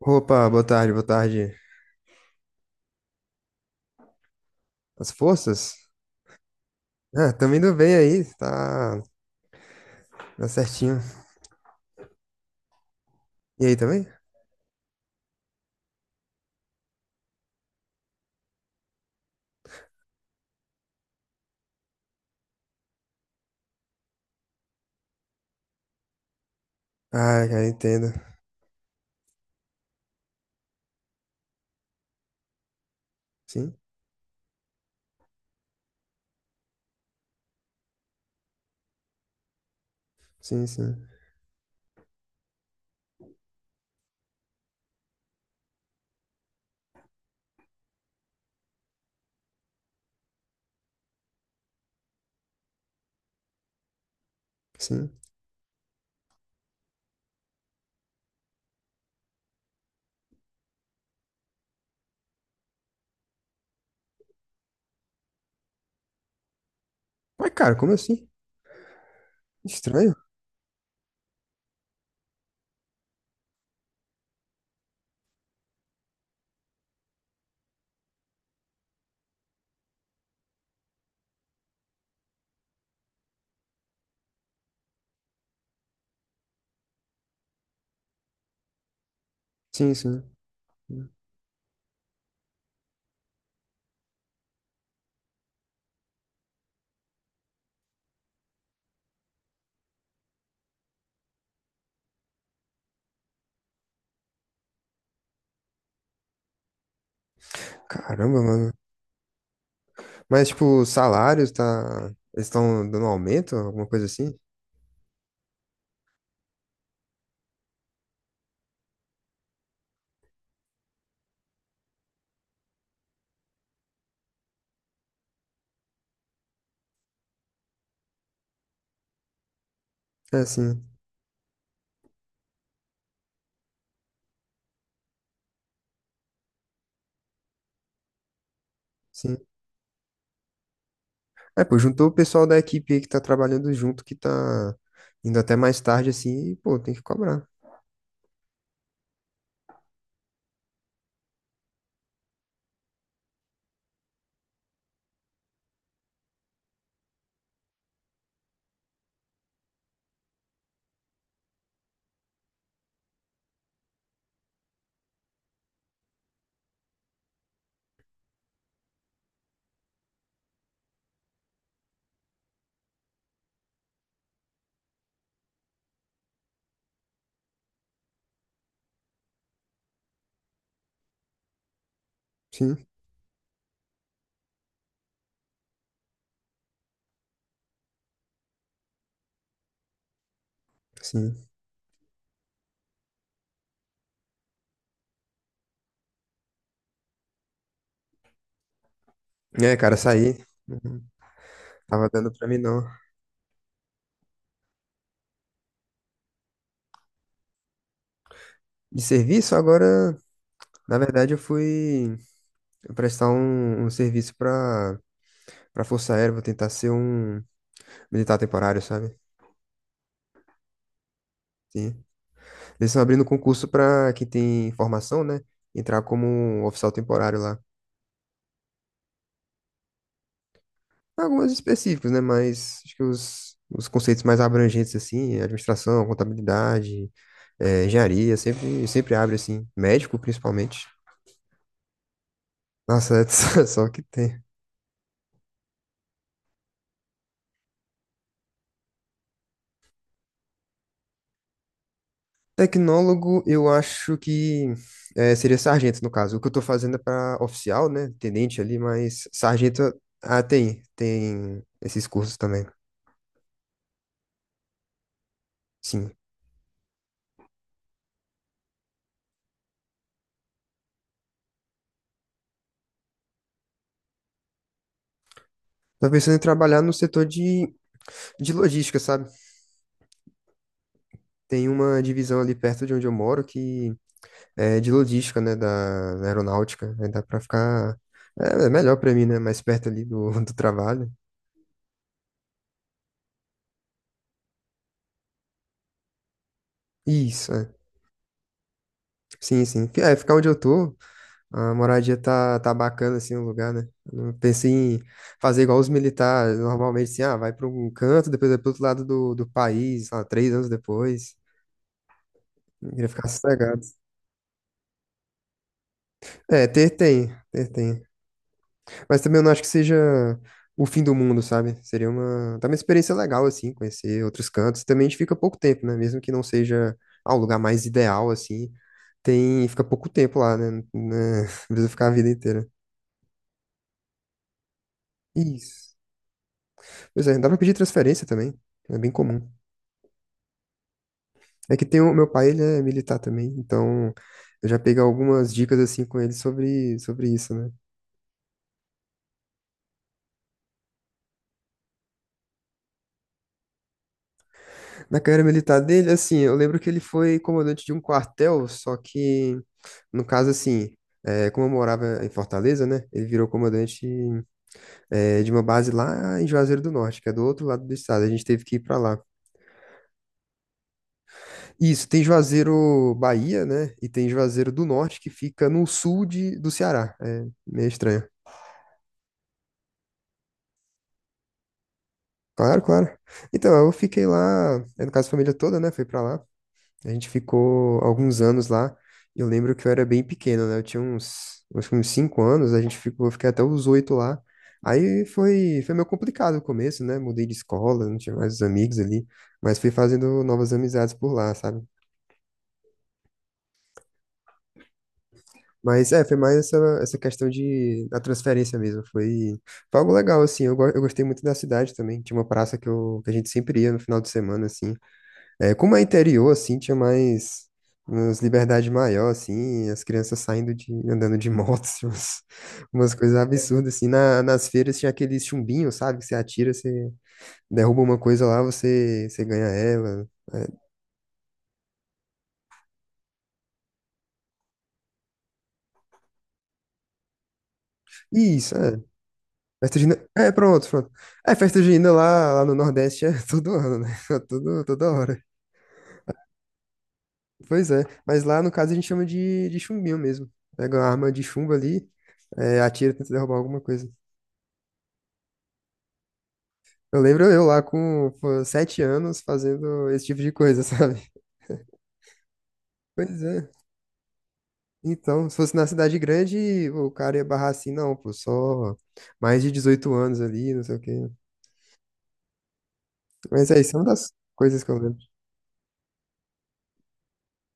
Opa, boa tarde, boa tarde. As forças? Ah, também indo bem aí, tá, tá certinho. E aí também? Ah, cara, entendo. Sim, sim, sim, sim. Mas, cara, como assim? Estranho? Sim, sim. Caramba, mano. Mas, tipo, os salários, tá... Eles estão dando aumento, alguma coisa assim? É, sim, sim. É, pô, juntou o pessoal da equipe aí que tá trabalhando junto, que tá indo até mais tarde, assim, e, pô, tem que cobrar. Sim, sim. É, cara, saí. Não tava dando pra mim, não. De serviço, agora, na verdade, eu fui prestar um serviço pra Força Aérea, vou tentar ser um militar temporário, sabe? Sim. Eles estão abrindo concurso pra quem tem formação, né? Entrar como um oficial temporário lá. Algumas específicos, né? Mas acho que os conceitos mais abrangentes, assim, administração, contabilidade, engenharia, sempre, sempre abre, assim. Médico, principalmente. Nossa, é só que tem. Tecnólogo, eu acho que seria sargento, no caso. O que eu tô fazendo é para oficial, né? Tenente ali, mas sargento, ah, tem esses cursos também, sim. Tô pensando em trabalhar no setor de logística, sabe? Tem uma divisão ali perto de onde eu moro que é, de logística, né, da, da aeronáutica. Aí dá pra ficar. É, é melhor pra mim, né? Mais perto ali do, do trabalho. Isso, é. Sim, sim. É, ficar onde eu tô, a moradia tá bacana, assim, o lugar, né? Eu não pensei em fazer igual os militares, normalmente, assim, ah, vai pra um canto, depois vai pro outro lado do, do país, sei lá, 3 anos depois. Eu queria ficar sossegado. É, ter tem, ter tem. Mas também eu não acho que seja o fim do mundo, sabe? Seria uma, tá uma experiência legal, assim, conhecer outros cantos. Também a gente fica pouco tempo, né? Mesmo que não seja ah, o lugar mais ideal, assim, tem, fica pouco tempo lá, né? Não é- Precisa ficar a vida inteira. Isso. Pois é, dá pra pedir transferência também. É bem comum. É que tem o meu pai, ele é militar também, então eu já peguei algumas dicas assim com ele sobre, sobre isso, né? Na carreira militar dele, assim, eu lembro que ele foi comandante de um quartel, só que no caso, assim, é, como eu morava em Fortaleza, né? Ele virou comandante, é, de uma base lá em Juazeiro do Norte, que é do outro lado do estado. A gente teve que ir pra lá. Isso, tem Juazeiro, Bahia, né? E tem Juazeiro do Norte, que fica no sul de, do Ceará. É meio estranho. Claro, claro. Então, eu fiquei lá, é, no caso, a família toda, né? Foi pra lá. A gente ficou alguns anos lá. Eu lembro que eu era bem pequeno, né? Eu tinha uns, acho que uns 5 anos, a gente ficou, eu fiquei até os 8 lá. Aí foi, foi meio complicado o começo, né? Mudei de escola, não tinha mais os amigos ali, mas fui fazendo novas amizades por lá, sabe? Mas é, foi mais essa, essa questão de, da transferência mesmo. Foi algo legal, assim. Eu gostei muito da cidade também. Tinha uma praça que, eu, que a gente sempre ia no final de semana, assim. É, como é interior, assim, tinha mais umas liberdade maior, assim, as crianças saindo de, andando de motos, umas, umas coisas absurdas, assim, na, nas feiras tinha aqueles chumbinhos, sabe, que você atira, você derruba uma coisa lá, você ganha ela, é. Isso, é, festa junina, é, pronto, pronto, é, festa junina lá, lá no Nordeste é todo ano, né, É todo, toda hora, pois é, mas lá, no caso, a gente chama de chumbinho mesmo, pega uma arma de chumbo ali, é, atira, tenta derrubar alguma coisa. Eu lembro eu lá com pô, 7 anos fazendo esse tipo de coisa, sabe? Pois é. Então, se fosse na cidade grande, o cara ia barrar assim, não, pô, só mais de 18 anos ali, não sei o quê. Mas é isso, é uma das coisas que eu lembro.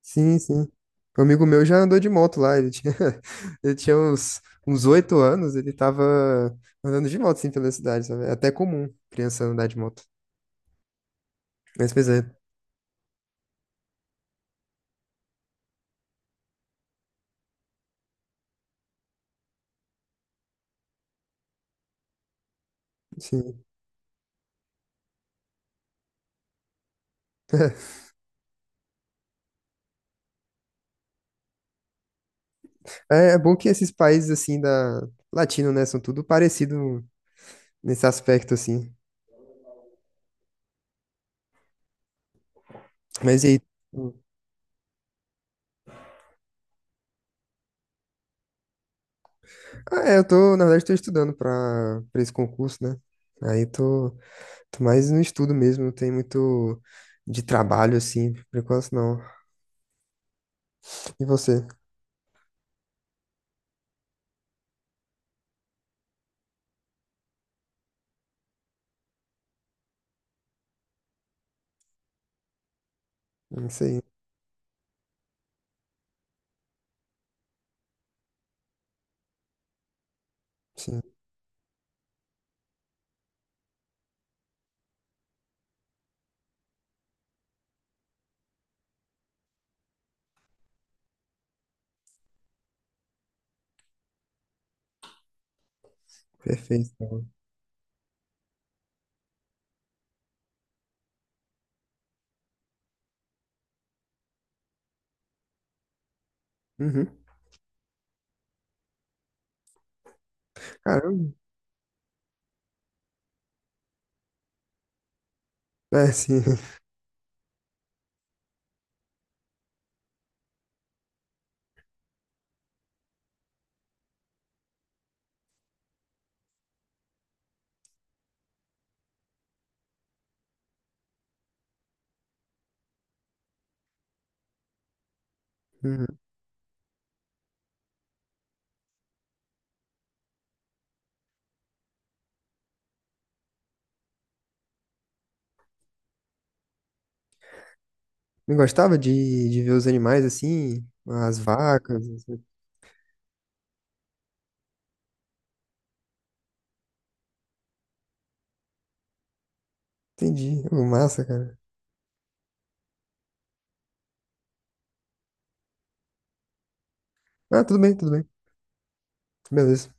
Sim, sim. Um amigo meu já andou de moto lá, ele tinha uns, uns 8 anos, ele tava andando de moto, assim, pela cidade, sabe? É até comum criança andar de moto. Mas, pois é, sim. É, é bom que esses países, assim, da... Latino, né? São tudo parecido nesse aspecto, assim. Mas e aí? tu- Ah, é, eu tô, na verdade, tô estudando pra, pra esse concurso, né? Aí tô mais no estudo mesmo, não tem muito de trabalho, assim, por enquanto não. E você? Isso aí, sim, perfeito. Uhum. Caramba. É, sim. Uhum. Eu gostava de ver os animais assim, as vacas, assim. Entendi. Ô, massa, cara. Ah, tudo bem, tudo bem. Beleza.